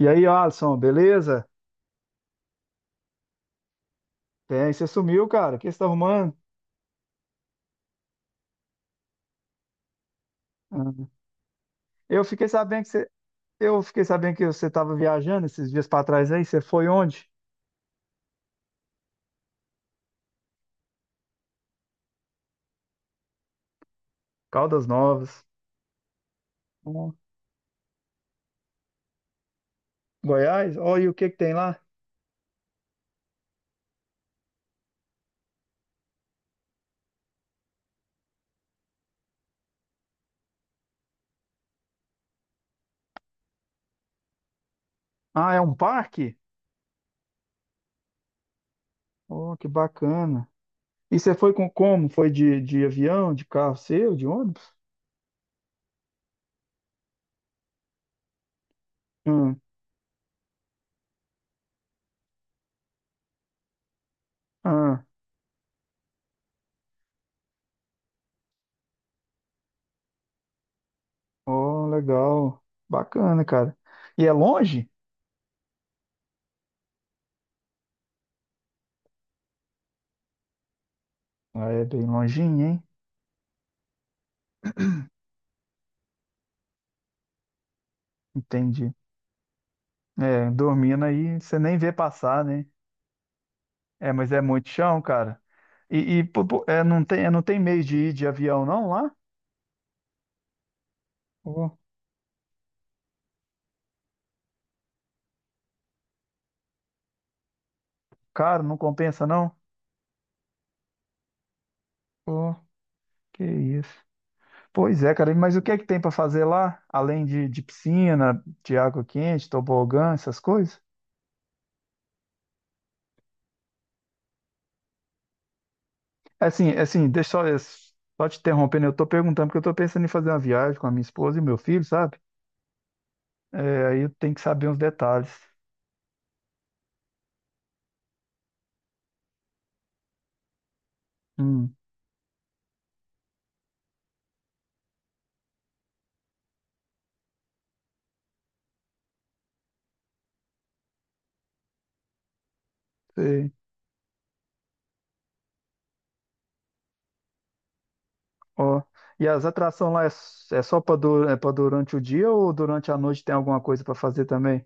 E aí, Alisson, beleza? Bem, você sumiu, cara. O que você tá arrumando? Ah, eu fiquei sabendo eu fiquei sabendo que você estava viajando esses dias para trás aí. Você foi onde? Caldas Novas. Ó, Goiás? Ó, e o que que tem lá? Ah, é um parque? Oh, que bacana. E você foi com como? Foi de avião, de carro seu, de ônibus? Hum, ah, oh, legal. Bacana, cara. E é longe? Ah, é bem longinho, hein? Entendi. É, dormindo aí, você nem vê passar, né? É, mas é muito chão, cara. Não tem, não tem meio de ir de avião, não, lá? Ô, cara, não compensa, não? Pô, que isso. Pois é, cara, mas o que é que tem pra fazer lá? Além de piscina, de água quente, tobogã, essas coisas? Deixa só, só te interrompendo, eu tô perguntando porque eu tô pensando em fazer uma viagem com a minha esposa e meu filho, sabe? É, aí eu tenho que saber uns detalhes. Hum, sei. Ó. E as atrações lá é, é só para é para durante o dia ou durante a noite tem alguma coisa para fazer também?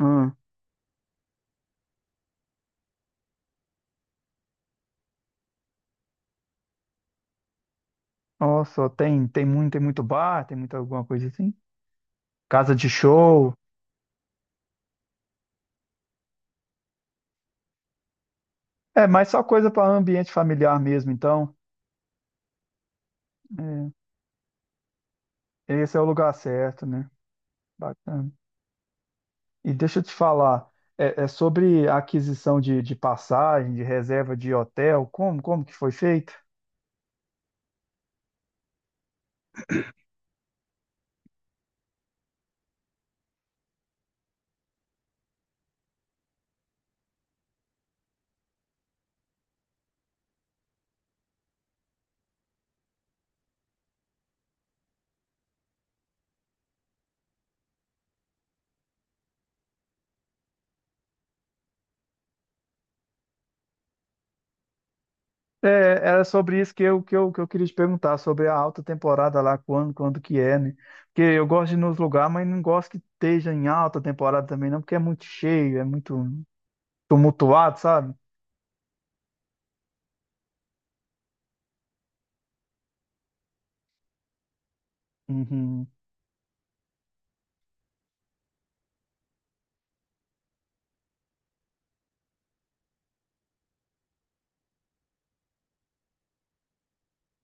Hum. Ó, só tem tem muito bar, tem muita alguma coisa assim. Casa de show. É, mas só coisa para ambiente familiar mesmo, então. É, esse é o lugar certo, né? Bacana. E deixa eu te falar, é, é sobre a aquisição de passagem, de reserva de hotel, como que foi feito? É, era sobre isso que eu queria te perguntar, sobre a alta temporada lá, quando que é, né? Porque eu gosto de ir nos lugares, mas não gosto que esteja em alta temporada também, não, porque é muito cheio, é muito tumultuado, sabe? Uhum.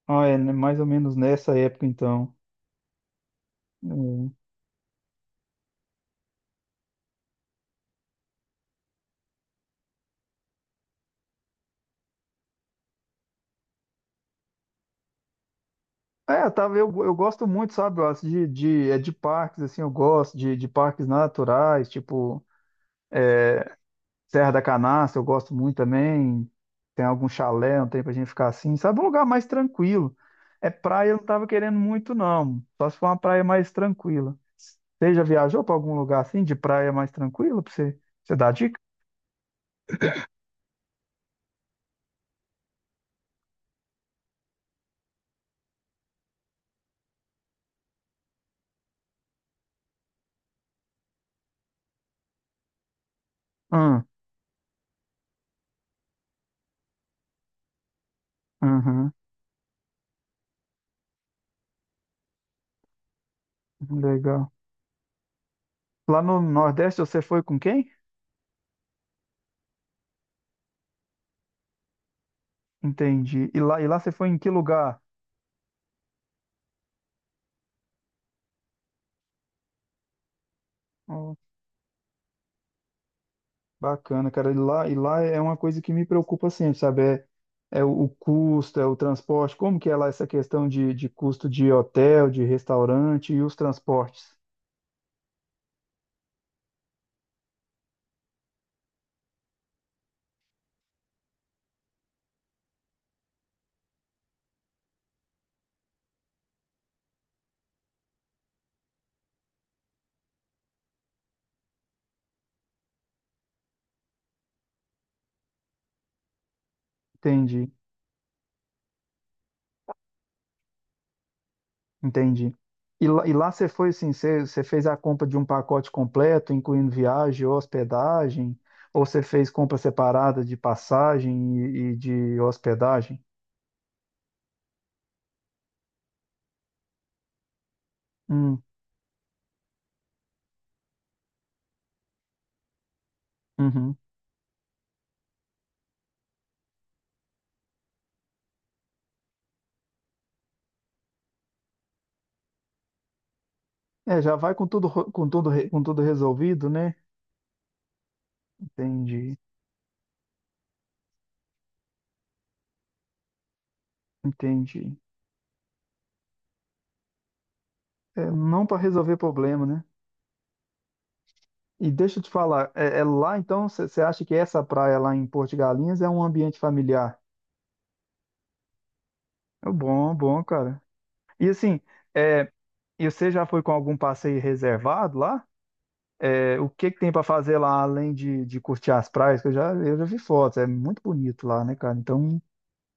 Ah, é, né, mais ou menos nessa época, então. Hum. É, tá, eu gosto muito, sabe, Wallace, de parques, assim, eu gosto de parques naturais, tipo Serra da Canastra, eu gosto muito também. Tem algum chalé, não tem pra gente ficar assim. Sabe um lugar mais tranquilo. É praia, eu não tava querendo muito, não. Só se for uma praia mais tranquila. Você já viajou pra algum lugar assim, de praia mais tranquila, pra você, você dar dica? Hum, uhum, legal. Lá no Nordeste você foi com quem? Entendi. E lá você foi em que lugar? Bacana, cara. E lá é uma coisa que me preocupa sempre, sabe? É, é o custo, é o transporte. Como que é lá essa questão de custo de hotel, de restaurante e os transportes? Entendi, entendi. E lá você foi assim, você fez a compra de um pacote completo, incluindo viagem, hospedagem, ou você fez compra separada de passagem e de hospedagem? Hum, uhum. É, já vai com tudo, com tudo, com tudo resolvido, né? Entendi, entendi. É, não para resolver problema, né? E deixa eu te falar, é lá então, você acha que essa praia lá em Porto de Galinhas é um ambiente familiar? É bom, bom, cara. E assim, é, e você já foi com algum passeio reservado lá? É, o que que tem para fazer lá além de curtir as praias? Eu já vi fotos, é muito bonito lá, né, cara? Então,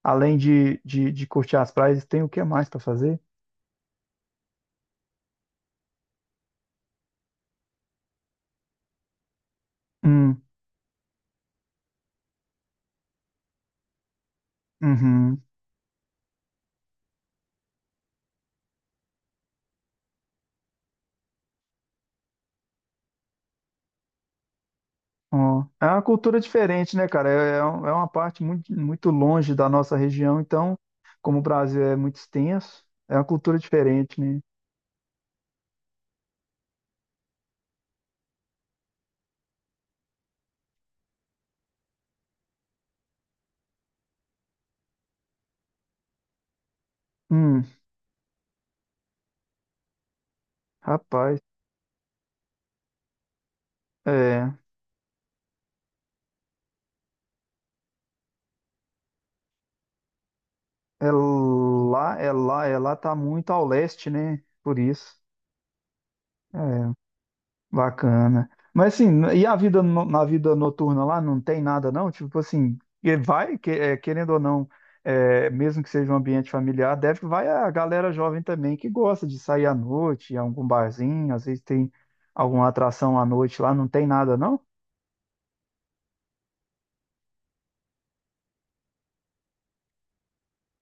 além de curtir as praias, tem o que mais para fazer? Hum, uhum. Ó, é uma cultura diferente, né, cara? É uma parte muito, muito longe da nossa região, então, como o Brasil é muito extenso, é uma cultura diferente, né? Hum, rapaz, é, é lá, tá muito ao leste, né? Por isso. É. Bacana. Mas assim, e a vida na vida noturna lá não tem nada não? Tipo assim, e vai, é, querendo ou não, é, mesmo que seja um ambiente familiar, deve que vai a galera jovem também que gosta de sair à noite, ir a algum barzinho, às vezes tem alguma atração à noite lá, não tem nada não?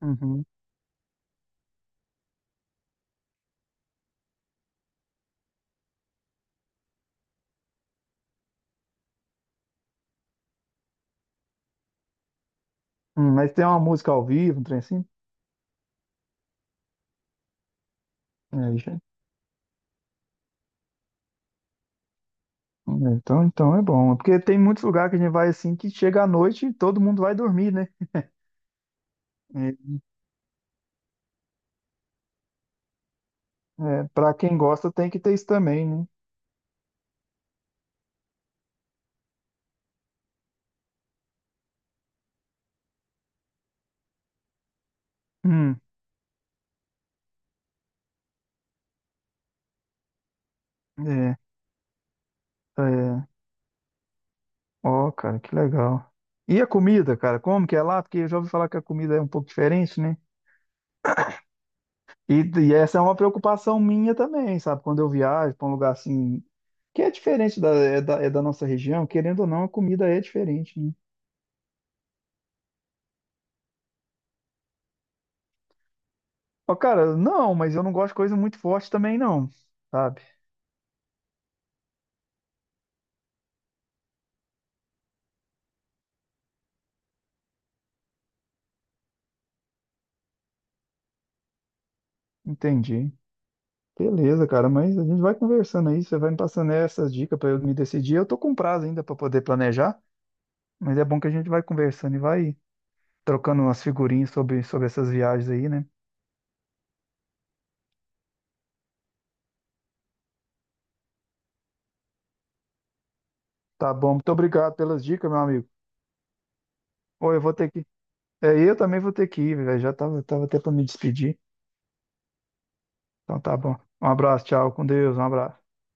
Uhum. Mas tem uma música ao vivo, um trem assim? É, já- então é bom. Porque tem muitos lugares que a gente vai assim que chega à noite e todo mundo vai dormir, né? É, é, para quem gosta tem que ter isso também, né? Hum, é. É. Ó, cara, que legal. E a comida, cara, como que é lá? Porque eu já ouvi falar que a comida é um pouco diferente, né? E essa é uma preocupação minha também, sabe? Quando eu viajo para um lugar assim, que é diferente é da nossa região, querendo ou não, a comida é diferente, né? Ó, cara, não, mas eu não gosto de coisa muito forte também, não, sabe? Entendi. Beleza, cara, mas a gente vai conversando aí, você vai me passando essas dicas para eu me decidir. Eu tô com prazo ainda para poder planejar, mas é bom que a gente vai conversando e vai trocando umas figurinhas sobre essas viagens aí, né? Tá bom, muito obrigado pelas dicas, meu amigo. Ou eu vou ter que. É, eu também vou ter que ir, velho. Tava até pra me despedir. Então tá bom. Um abraço, tchau, com Deus, um abraço.